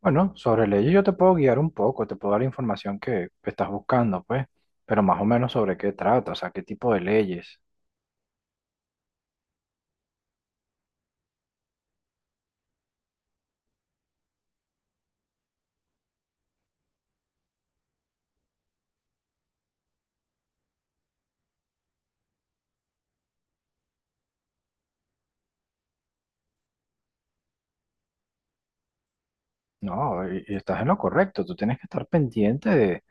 Bueno, sobre leyes yo te puedo guiar un poco, te puedo dar la información que estás buscando, pues, pero más o menos sobre qué trata, o sea, qué tipo de leyes. No, y estás en lo correcto, tú tienes que estar pendiente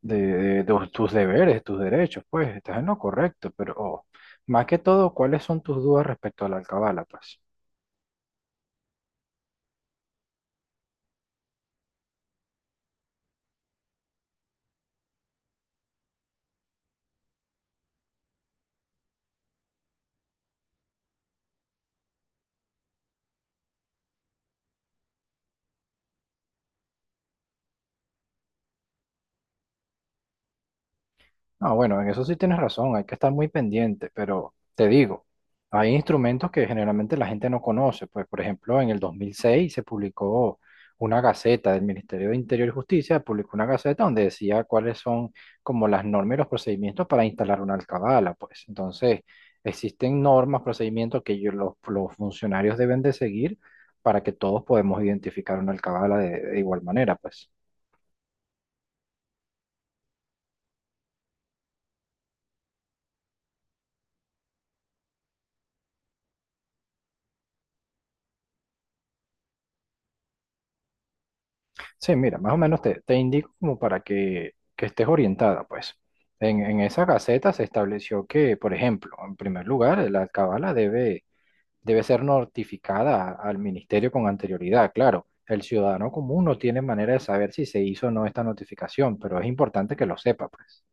de- de tus deberes, tus derechos, pues, estás en lo correcto, pero oh, más que todo, ¿cuáles son tus dudas respecto a la alcabala, pues? Ah, bueno, en eso sí tienes razón, hay que estar muy pendiente, pero te digo, hay instrumentos que generalmente la gente no conoce, pues por ejemplo en el 2006 se publicó una gaceta del Ministerio de Interior y Justicia, publicó una gaceta donde decía cuáles son como las normas y los procedimientos para instalar una alcabala, pues entonces existen normas, procedimientos que los funcionarios deben de seguir para que todos podemos identificar una alcabala de igual manera, pues. Sí, mira, más o menos te indico como para que estés orientada, pues. En esa gaceta se estableció que, por ejemplo, en primer lugar, la cabala debe ser notificada al ministerio con anterioridad. Claro, el ciudadano común no tiene manera de saber si se hizo o no esta notificación, pero es importante que lo sepa, pues.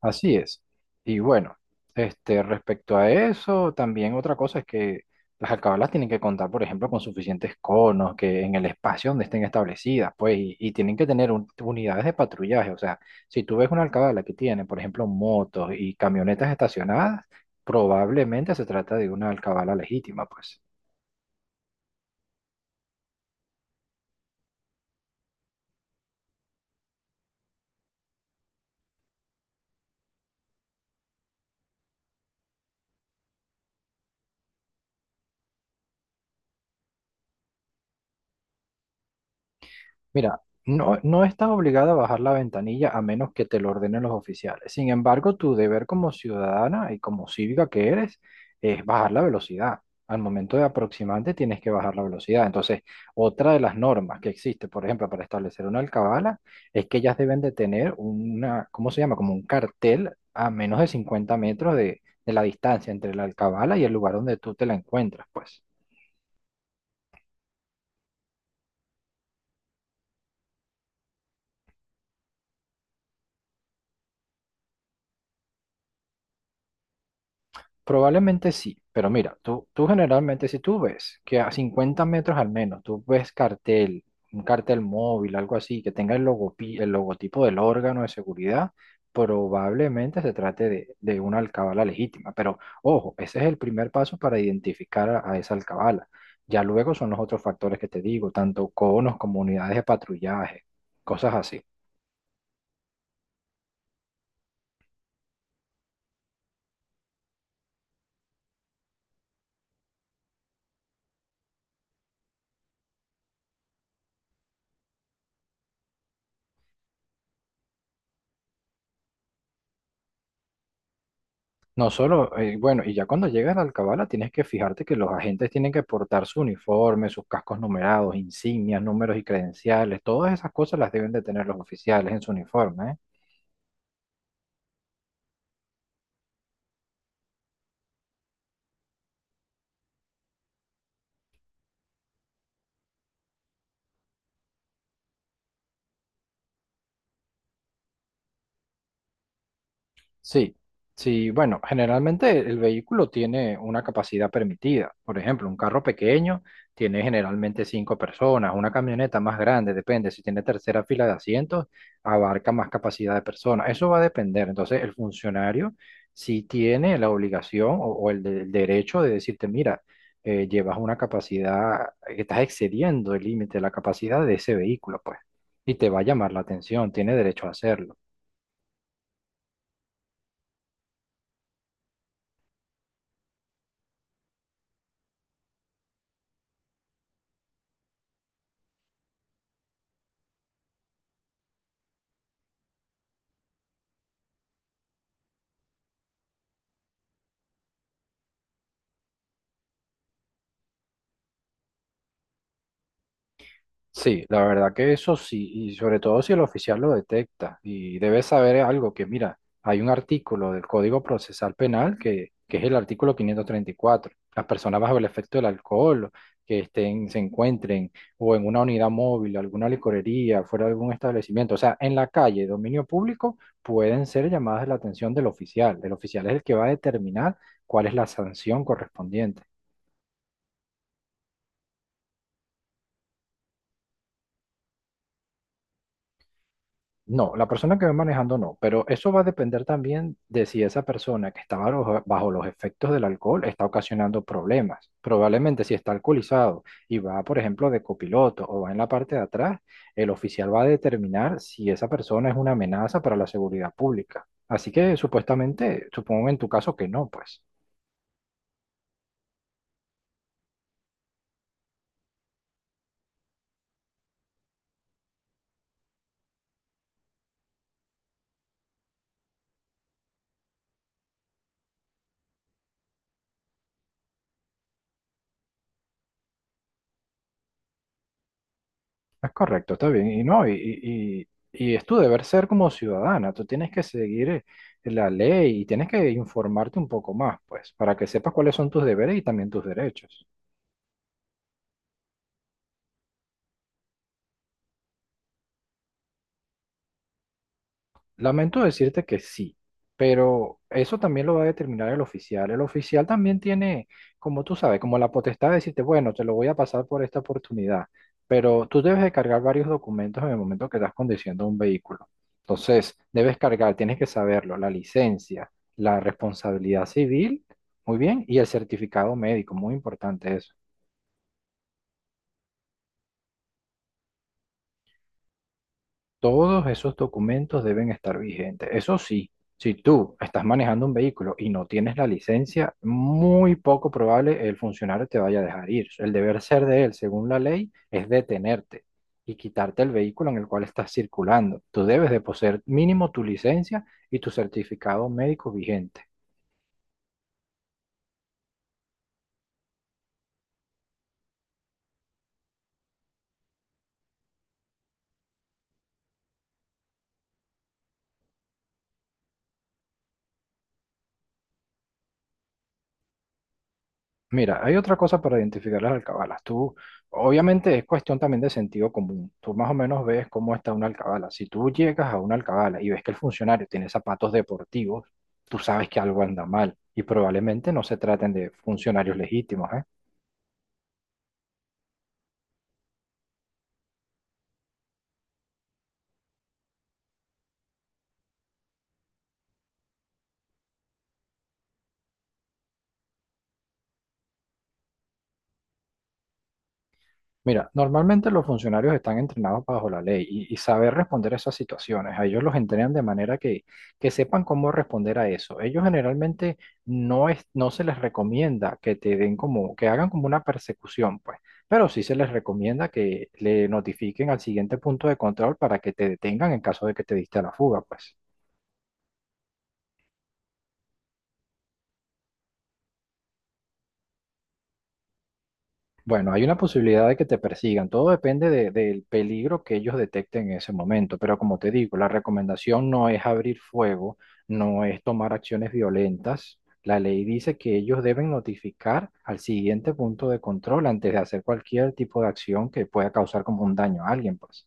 Así es. Y bueno, este, respecto a eso, también otra cosa es que las alcabalas tienen que contar, por ejemplo, con suficientes conos que en el espacio donde estén establecidas, pues, y, tienen que tener unidades de patrullaje. O sea, si tú ves una alcabala que tiene, por ejemplo, motos y camionetas estacionadas, probablemente se trata de una alcabala legítima, pues. Mira, no, no estás obligada a bajar la ventanilla a menos que te lo ordenen los oficiales. Sin embargo, tu deber como ciudadana y como cívica que eres es bajar la velocidad. Al momento de aproximarte tienes que bajar la velocidad. Entonces, otra de las normas que existe, por ejemplo, para establecer una alcabala, es que ellas deben de tener una, ¿cómo se llama? Como un cartel a menos de 50 metros de la distancia entre la alcabala y el lugar donde tú te la encuentras, pues. Probablemente sí, pero mira, tú generalmente si tú ves que a 50 metros al menos, tú ves cartel, un cartel móvil, algo así, que tenga el el logotipo del órgano de seguridad, probablemente se trate de una alcabala legítima. Pero ojo, ese es el primer paso para identificar a esa alcabala. Ya luego son los otros factores que te digo, tanto conos como unidades de patrullaje, cosas así. No solo, bueno, y ya cuando llegas a la Alcabala tienes que fijarte que los agentes tienen que portar su uniforme, sus cascos numerados, insignias, números y credenciales, todas esas cosas las deben de tener los oficiales en su uniforme, ¿eh? Sí, sí, bueno, generalmente el vehículo tiene una capacidad permitida. Por ejemplo, un carro pequeño tiene generalmente cinco personas, una camioneta más grande, depende, si tiene tercera fila de asientos, abarca más capacidad de personas. Eso va a depender. Entonces, el funcionario sí tiene la obligación o el derecho de decirte, mira, llevas una capacidad, estás excediendo el límite de la capacidad de ese vehículo, pues, y te va a llamar la atención, tiene derecho a hacerlo. Sí, la verdad que eso sí, y sobre todo si el oficial lo detecta y debe saber algo que, mira, hay un artículo del Código Procesal Penal que es el artículo 534. Las personas bajo el efecto del alcohol que estén, se encuentren o en una unidad móvil, alguna licorería, fuera de algún establecimiento, o sea, en la calle, dominio público, pueden ser llamadas la atención del oficial. El oficial es el que va a determinar cuál es la sanción correspondiente. No, la persona que va manejando no, pero eso va a depender también de si esa persona que está bajo los efectos del alcohol está ocasionando problemas. Probablemente si está alcoholizado y va, por ejemplo, de copiloto o va en la parte de atrás, el oficial va a determinar si esa persona es una amenaza para la seguridad pública. Así que supuestamente, supongo en tu caso que no, pues. Es correcto, está bien. Y no, y es tu deber ser como ciudadana. Tú tienes que seguir la ley y tienes que informarte un poco más, pues, para que sepas cuáles son tus deberes y también tus derechos. Lamento decirte que sí, pero eso también lo va a determinar el oficial. El oficial también tiene, como tú sabes, como la potestad de decirte, bueno, te lo voy a pasar por esta oportunidad, pero tú debes de cargar varios documentos en el momento que estás conduciendo un vehículo. Entonces, debes cargar, tienes que saberlo, la licencia, la responsabilidad civil, muy bien, y el certificado médico, muy importante eso. Todos esos documentos deben estar vigentes. Eso sí, si tú estás manejando un vehículo y no tienes la licencia, muy poco probable el funcionario te vaya a dejar ir. El deber ser de él, según la ley, es detenerte y quitarte el vehículo en el cual estás circulando. Tú debes de poseer mínimo tu licencia y tu certificado médico vigente. Mira, hay otra cosa para identificar las alcabalas. Tú, obviamente es cuestión también de sentido común. Tú más o menos ves cómo está una alcabala. Si tú llegas a una alcabala y ves que el funcionario tiene zapatos deportivos, tú sabes que algo anda mal y probablemente no se traten de funcionarios legítimos, ¿eh? Mira, normalmente los funcionarios están entrenados bajo la ley y, saber responder a esas situaciones. A ellos los entrenan de manera que sepan cómo responder a eso. Ellos generalmente no es, no se les recomienda que te den como, que hagan como una persecución, pues, pero sí se les recomienda que le notifiquen al siguiente punto de control para que te detengan en caso de que te diste a la fuga, pues. Bueno, hay una posibilidad de que te persigan. Todo depende del peligro que ellos detecten en ese momento. Pero como te digo, la recomendación no es abrir fuego, no es tomar acciones violentas. La ley dice que ellos deben notificar al siguiente punto de control antes de hacer cualquier tipo de acción que pueda causar como un daño a alguien, pues.